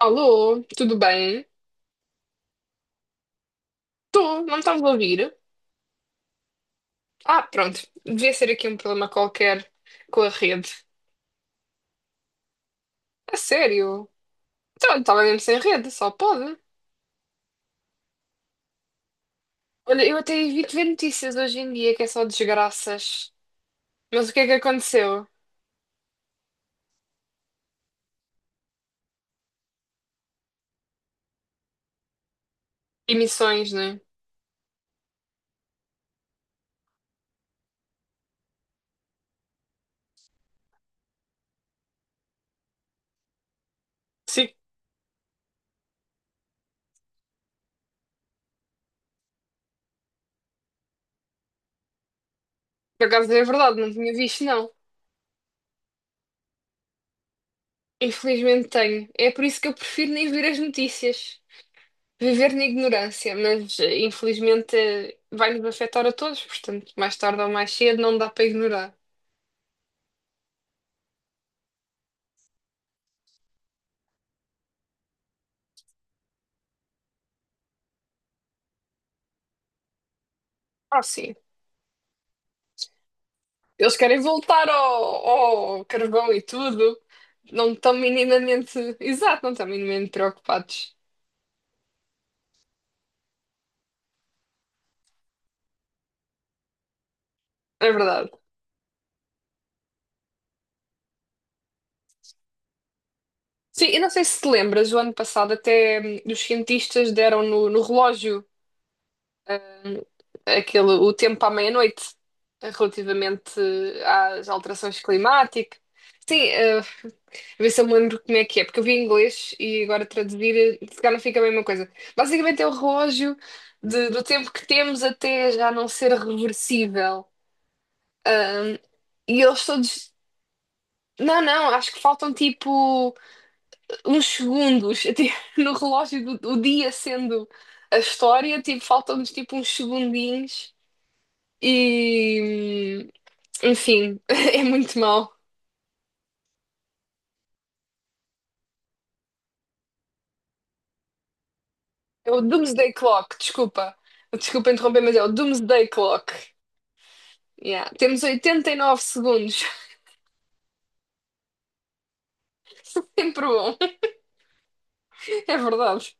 Alô, tudo bem? Estou, não me estás a ouvir? Ah, pronto, devia ser aqui um problema qualquer com a rede. A sério? Então, eu estava mesmo sem rede, só pode. Olha, eu até evito ver notícias hoje em dia, que é só desgraças. Mas o que é que aconteceu? Emissões, não é? Sim, por acaso é verdade, não tinha visto, não. Infelizmente tenho. É por isso que eu prefiro nem ver as notícias. Viver na ignorância, mas infelizmente vai-nos afetar a todos, portanto, mais tarde ou mais cedo não dá para ignorar. Ah, sim. Eles querem voltar ao, ao carvão e tudo. Não estão minimamente. Exato, não estão minimamente preocupados. É verdade. Sim, e não sei se te lembras, o ano passado até os cientistas deram no, no relógio. Aquele, o tempo à meia-noite relativamente às alterações climáticas. Sim, a ver se eu me lembro como é que é, porque eu vi em inglês e agora traduzir, se calhar não fica a mesma coisa. Basicamente é o relógio do tempo que temos até já não ser reversível. Ahm, e eles todos. Não, não, acho que faltam tipo uns segundos até no relógio do, do dia sendo a história, tipo, faltam-nos tipo uns segundinhos e, enfim, é muito mau. É o Doomsday Clock, desculpa. Desculpa interromper, mas é o Doomsday Clock. Yeah. Temos 89 segundos. Sempre bom. É verdade.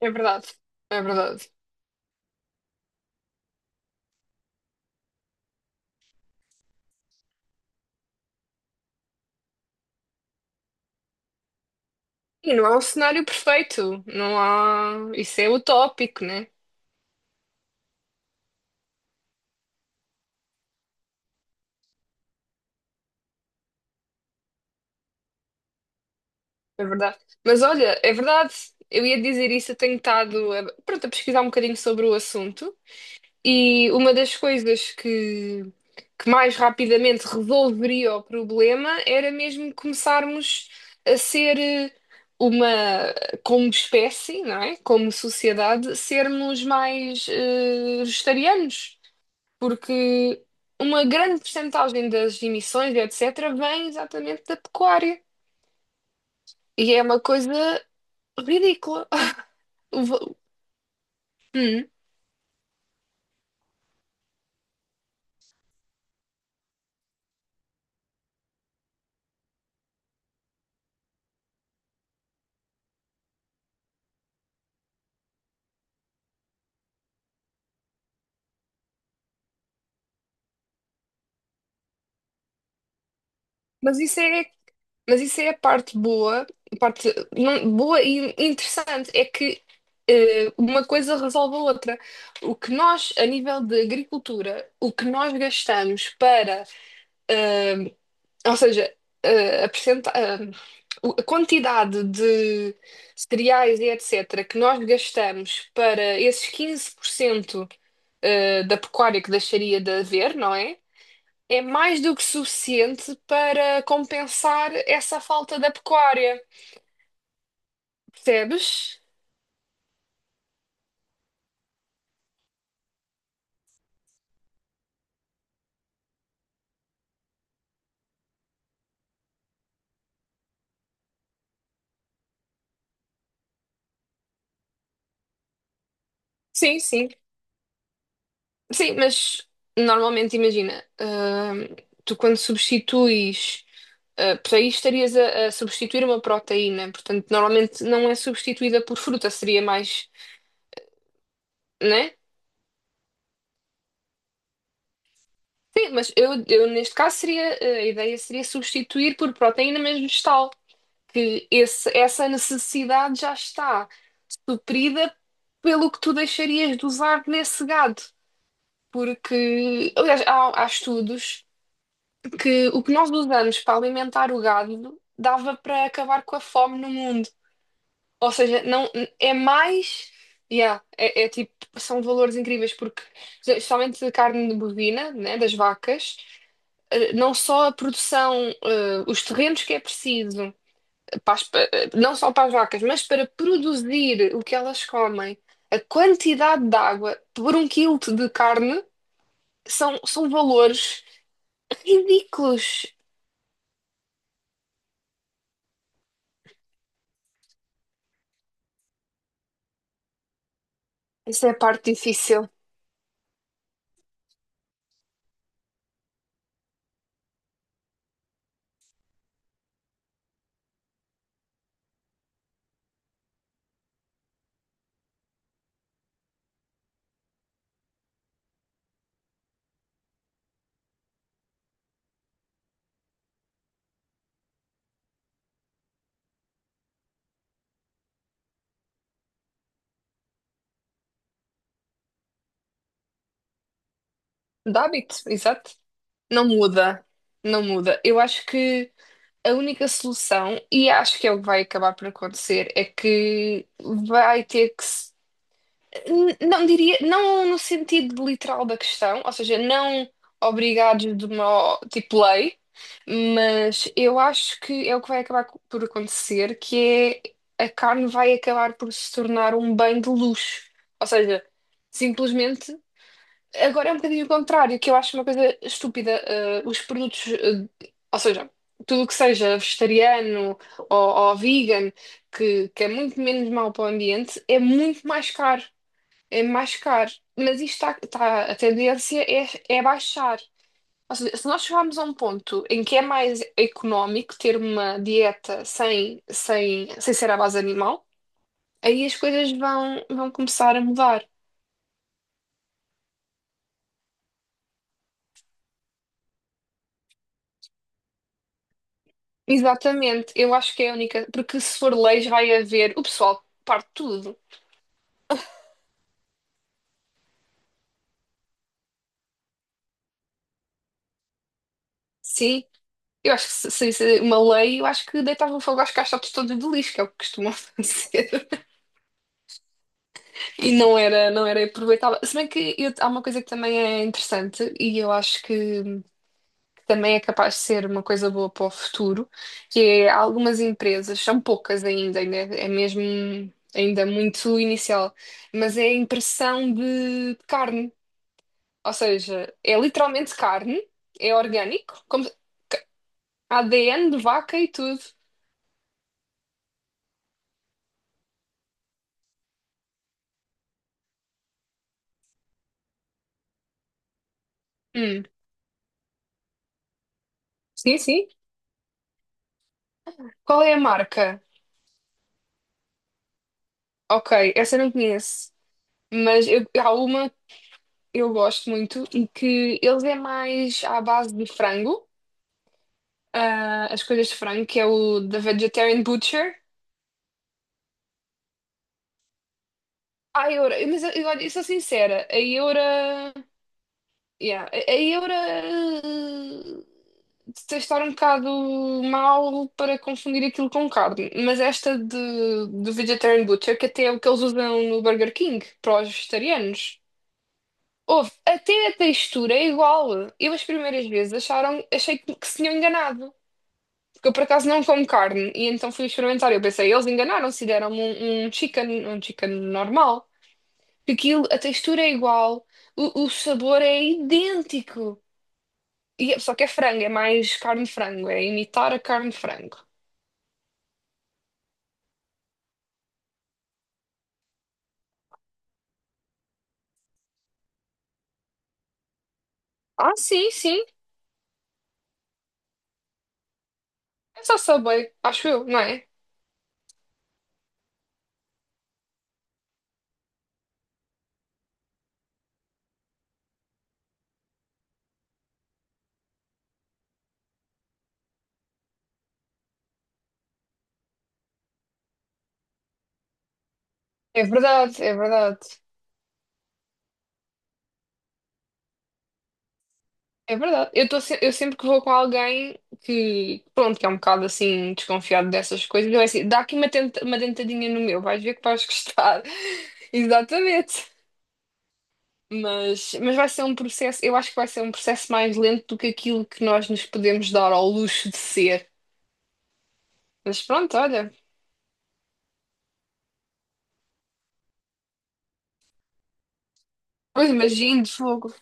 É verdade. É verdade. E não há um cenário perfeito. Não há. Isso é utópico, né? É verdade. Mas olha, é verdade. Eu ia dizer isso, eu tenho estado a, pronto, a pesquisar um bocadinho sobre o assunto. E uma das coisas que mais rapidamente resolveria o problema era mesmo começarmos a ser uma, como espécie, não é? Como sociedade, sermos mais vegetarianos, porque uma grande percentagem das emissões, etc., vem exatamente da pecuária. E é uma coisa ridícula. O va- Hum, Mas isso é Mas isso é a parte boa, a parte boa e interessante, é que uma coisa resolve a outra. O que nós, a nível de agricultura, o que nós gastamos para, eh, ou seja, eh, a percenta- eh, o- a quantidade de cereais e etc. que nós gastamos para esses 15% da pecuária que deixaria de haver, não é? É mais do que suficiente para compensar essa falta da pecuária, percebes? Sim, sim. Sim, mas normalmente imagina, tu quando substituis por aí estarias a substituir uma proteína, portanto normalmente não é substituída por fruta, seria mais, né? Sim, mas eu neste caso seria, a ideia seria substituir por proteína mesmo vegetal, que esse, essa necessidade já está suprida pelo que tu deixarias de usar nesse gado. Porque, aliás, há, há estudos que o que nós usamos para alimentar o gado dava para acabar com a fome no mundo. Ou seja, não, é mais. Yeah, é, é tipo, são valores incríveis, porque, especialmente a carne de bovina, né, das vacas, não só a produção, os terrenos que é preciso, para as, não só para as vacas, mas para produzir o que elas comem, a quantidade de água por um quilo de carne são, são valores ridículos. Essa é a parte difícil do hábito, exato. Não muda, não muda. Eu acho que a única solução, e acho que é o que vai acabar por acontecer, é que vai ter que se... Não diria, não no sentido literal da questão, ou seja, não obrigados de uma, tipo, lei, mas eu acho que é o que vai por acontecer, que é a carne vai acabar por se tornar um bem de luxo. Ou seja, simplesmente, agora é um bocadinho o contrário, que eu acho uma coisa estúpida. Eh, os produtos, ou seja, tudo o que seja vegetariano ou, ou vegan, que é muito menos mau para o ambiente, é muito mais caro, é mais caro. Mas isto está, a tendência é, é baixar. Ou seja, se nós chegarmos a um ponto em que é mais económico ter uma dieta sem, sem, sem ser à base animal, aí as coisas vão, vão começar a mudar. Exatamente, eu acho que é a única, porque se for leis vai haver, o pessoal parte tudo, sim. Eu acho que se uma lei, eu acho que deitava fogo às caixotes todas de lixo, que é o que costumam fazer. E não era, não era aproveitável. Se bem que há uma coisa que também é interessante e eu acho que também é capaz de ser uma coisa boa para o futuro, que é algumas empresas, são poucas ainda, ainda é mesmo ainda muito inicial, mas é a impressão de carne. Ou seja, é literalmente carne, é orgânico, como ADN de vaca e tudo. Hum, sim, sim. Qual é a marca? Ok, essa eu não conheço. Mas eu, há uma, eu gosto muito e que eles é mais à base de frango, ah, as coisas de frango, que é o da Vegetarian Butcher. A Eura, mas eu, olha, eu sou sincera, a Eura, yeah, a Eura eh, de estar um bocado mal para confundir aquilo com carne, mas esta de, do Vegetarian Butcher, que até é o que eles usam no Burger King para os vegetarianos. Houve, até a textura é igual. Eu as primeiras vezes acharam, achei que se tinham enganado. Porque eu por acaso não como carne e então fui experimentar. Eu pensei, eles enganaram-se, e deram-me um, um chicken normal. Porque aquilo, a textura é igual, o sabor é idêntico. E, só que é frango, é mais carne de frango, é imitar a carne de frango. Ah, sim, sim, é só Subway, acho eu, não é? É verdade, é verdade, é verdade. Eu, tô, eu sempre que vou com alguém que, pronto, que é um bocado assim desconfiado dessas coisas, eu é assim, dá aqui uma, tenta, uma dentadinha no meu, vais ver que vais gostar. Exatamente. Mas vai ser um processo, eu acho que vai ser um processo mais lento do que aquilo que nós nos podemos dar ao luxo de ser. Mas pronto, olha, pois imagino, fogo.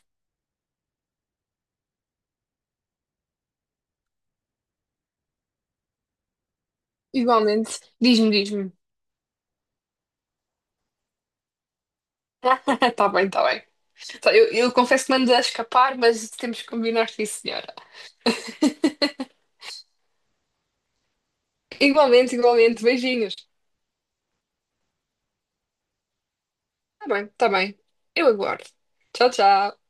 Igualmente, diz-me, diz-me. Tá bem, tá bem. Tá, eu confesso que mando a escapar, mas temos que combinar, sim, senhora. Igualmente, igualmente, beijinhos. Tá bem, tá bem. Eu aguardo. Tchau, tchau.